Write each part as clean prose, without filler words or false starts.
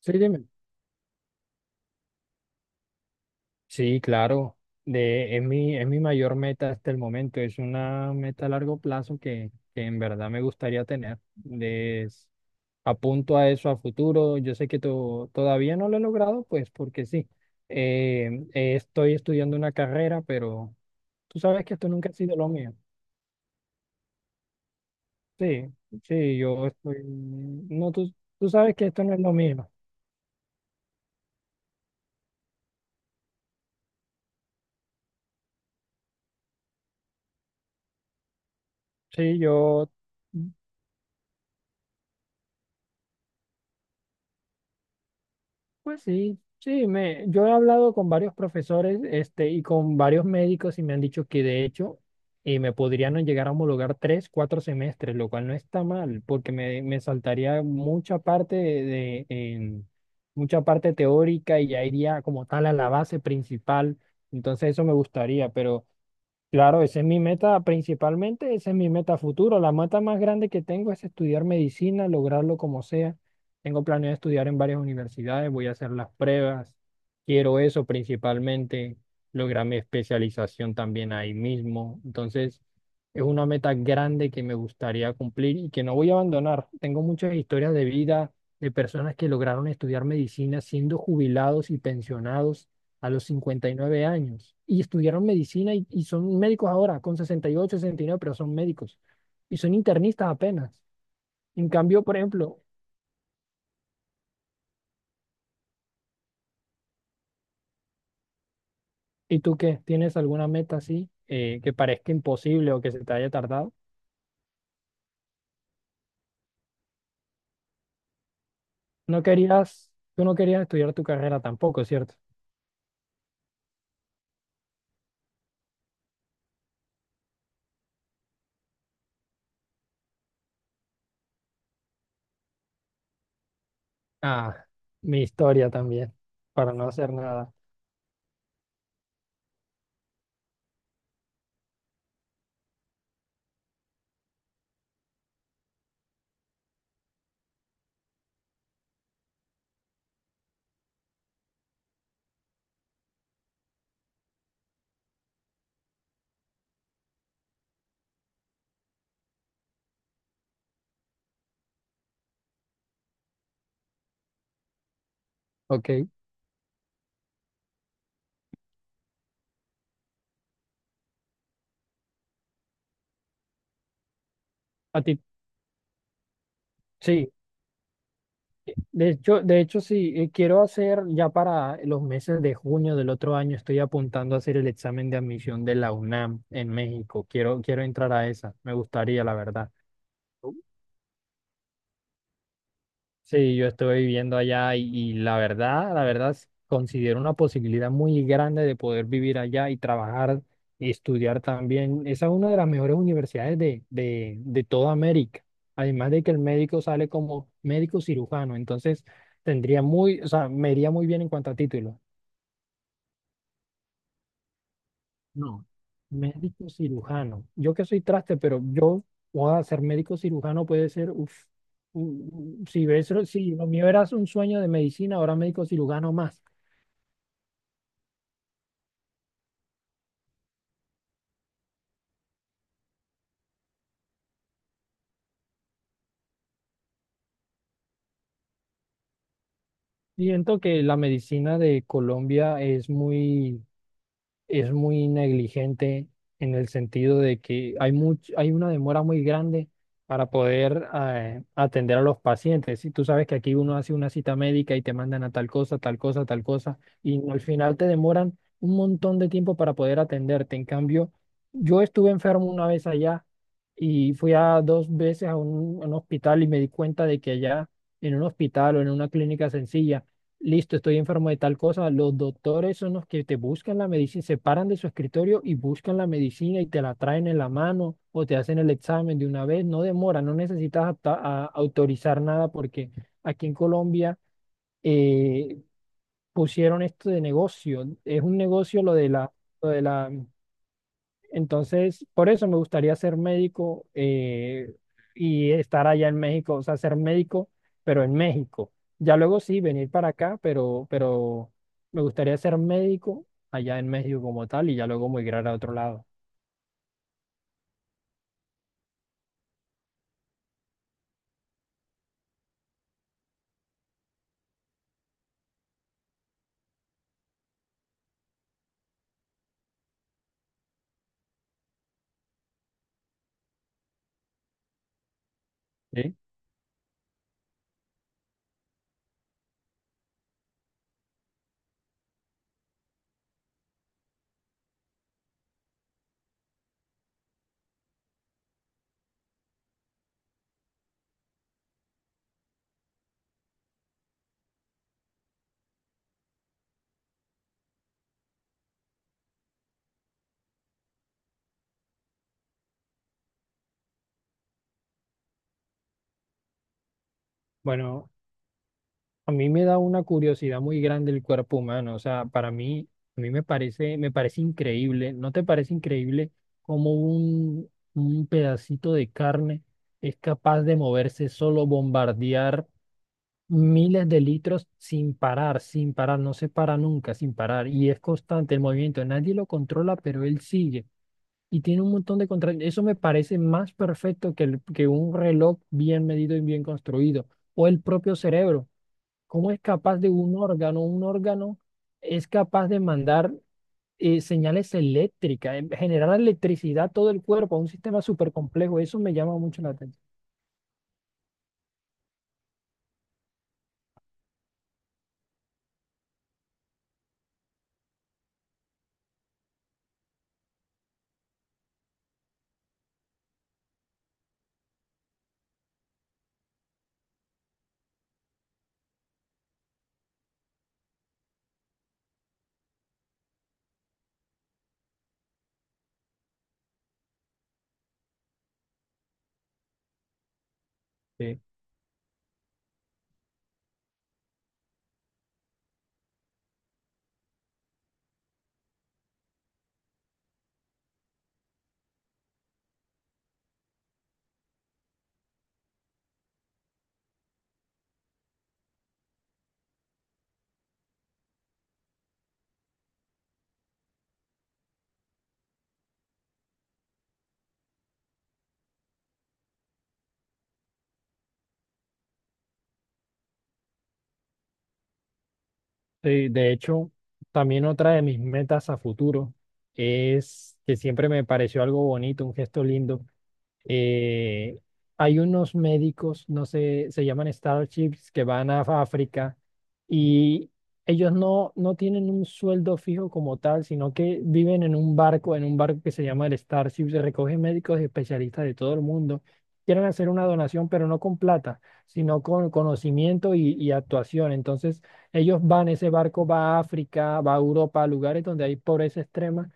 Sí, dime. Sí, claro. De, es mi mayor meta hasta el momento. Es una meta a largo plazo que en verdad me gustaría tener. Les apunto a eso a futuro. Yo sé que todavía no lo he logrado, pues porque sí. Estoy estudiando una carrera, pero tú sabes que esto nunca ha sido lo mío. Sí, sí, yo estoy... No, tú sabes que esto no es lo mío. Sí, yo... Pues sí, sí, me, yo he hablado con varios profesores, y con varios médicos y me han dicho que de hecho me podrían llegar a homologar tres, cuatro semestres, lo cual no está mal, porque me saltaría mucha parte de, mucha parte teórica y ya iría como tal a la base principal. Entonces eso me gustaría, pero claro, esa es mi meta principalmente, esa es mi meta futuro. La meta más grande que tengo es estudiar medicina, lograrlo como sea. Tengo planeado estudiar en varias universidades, voy a hacer las pruebas. Quiero eso principalmente, lograr mi especialización también ahí mismo. Entonces, es una meta grande que me gustaría cumplir y que no voy a abandonar. Tengo muchas historias de vida de personas que lograron estudiar medicina siendo jubilados y pensionados a los 59 años y estudiaron medicina y son médicos ahora, con sesenta y nueve pero son médicos y son internistas apenas. En cambio, por ejemplo, ¿y tú qué? ¿Tienes alguna meta así que parezca imposible o que se te haya tardado? No querías, tú no querías estudiar tu carrera tampoco, ¿cierto? Ah, mi historia también, para no hacer nada. Ok. A ti, sí. De hecho, sí, quiero hacer ya para los meses de junio del otro año, estoy apuntando a hacer el examen de admisión de la UNAM en México. Quiero, quiero entrar a esa, me gustaría, la verdad. Sí, yo estuve viviendo allá y la verdad, considero una posibilidad muy grande de poder vivir allá y trabajar y estudiar también. Esa es una de las mejores universidades de toda América. Además de que el médico sale como médico cirujano, entonces tendría muy, o sea, me iría muy bien en cuanto a título. No, médico cirujano. Yo que soy traste, pero yo, a ser médico cirujano puede ser, uff, si ves, si lo mío era un sueño de medicina, ahora médico cirujano más. Siento que la medicina de Colombia es muy negligente en el sentido de que hay hay una demora muy grande para poder atender a los pacientes. Y tú sabes que aquí uno hace una cita médica y te mandan a tal cosa, tal cosa, tal cosa, y no, al final te demoran un montón de tiempo para poder atenderte. En cambio, yo estuve enfermo una vez allá y fui a dos veces a un hospital y me di cuenta de que allá en un hospital o en una clínica sencilla, listo, estoy enfermo de tal cosa. Los doctores son los que te buscan la medicina, se paran de su escritorio y buscan la medicina y te la traen en la mano o te hacen el examen de una vez. No demora, no necesitas autorizar nada porque aquí en Colombia eh, pusieron esto de negocio. Es un negocio lo de la. Entonces, por eso me gustaría ser médico y estar allá en México, o sea, ser médico, pero en México. Ya luego sí, venir para acá, pero me gustaría ser médico allá en México como tal y ya luego migrar a otro lado. ¿Sí? Bueno, a mí me da una curiosidad muy grande el cuerpo humano, o sea, para mí, a mí me parece increíble, ¿no te parece increíble cómo un pedacito de carne es capaz de moverse solo, bombardear miles de litros sin parar, sin parar, no se para nunca, sin parar? Y es constante el movimiento, nadie lo controla, pero él sigue. Y tiene un montón de contra. Eso me parece más perfecto que, que un reloj bien medido y bien construido. O el propio cerebro. ¿Cómo es capaz de un órgano? Un órgano es capaz de mandar señales eléctricas, generar electricidad a todo el cuerpo, a un sistema súper complejo. Eso me llama mucho la atención. Sí, de hecho, también otra de mis metas a futuro es que siempre me pareció algo bonito, un gesto lindo, eh, hay unos médicos, no sé, se llaman Starships, que van a África y ellos no, no tienen un sueldo fijo como tal, sino que viven en un barco que se llama el Starship, se recogen médicos y especialistas de todo el mundo. Quieren hacer una donación, pero no con plata, sino con conocimiento y actuación. Entonces, ellos van, ese barco va a África, va a Europa, a lugares donde hay pobreza extrema,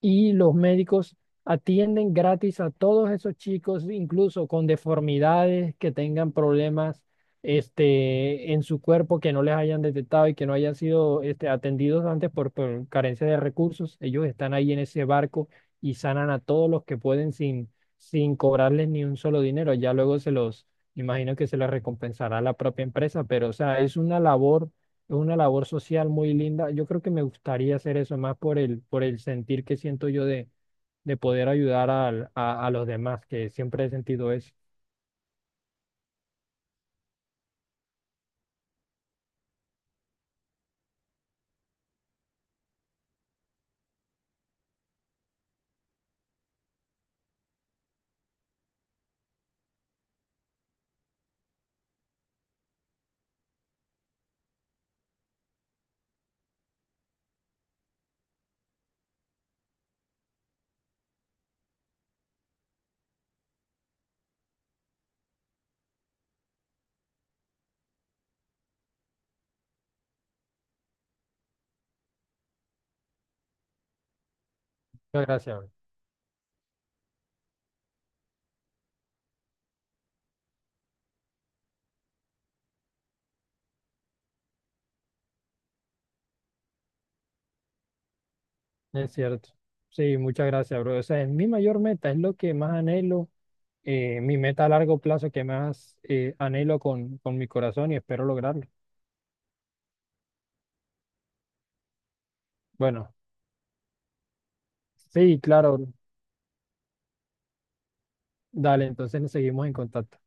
y los médicos atienden gratis a todos esos chicos, incluso con deformidades, que tengan problemas en su cuerpo que no les hayan detectado y que no hayan sido atendidos antes por carencia de recursos. Ellos están ahí en ese barco y sanan a todos los que pueden sin, sin cobrarles ni un solo dinero. Ya luego se los, imagino que se los recompensará la propia empresa, pero o sea, es una labor. Es una labor social muy linda. Yo creo que me gustaría hacer eso más por el sentir que siento yo de poder ayudar a los demás, que siempre he sentido eso. Muchas gracias, bro. Es cierto. Sí, muchas gracias, bro. O sea, es mi mayor meta, es lo que más anhelo, mi meta a largo plazo que más anhelo con mi corazón y espero lograrlo. Bueno, sí, claro, bro. Dale, entonces nos seguimos en contacto.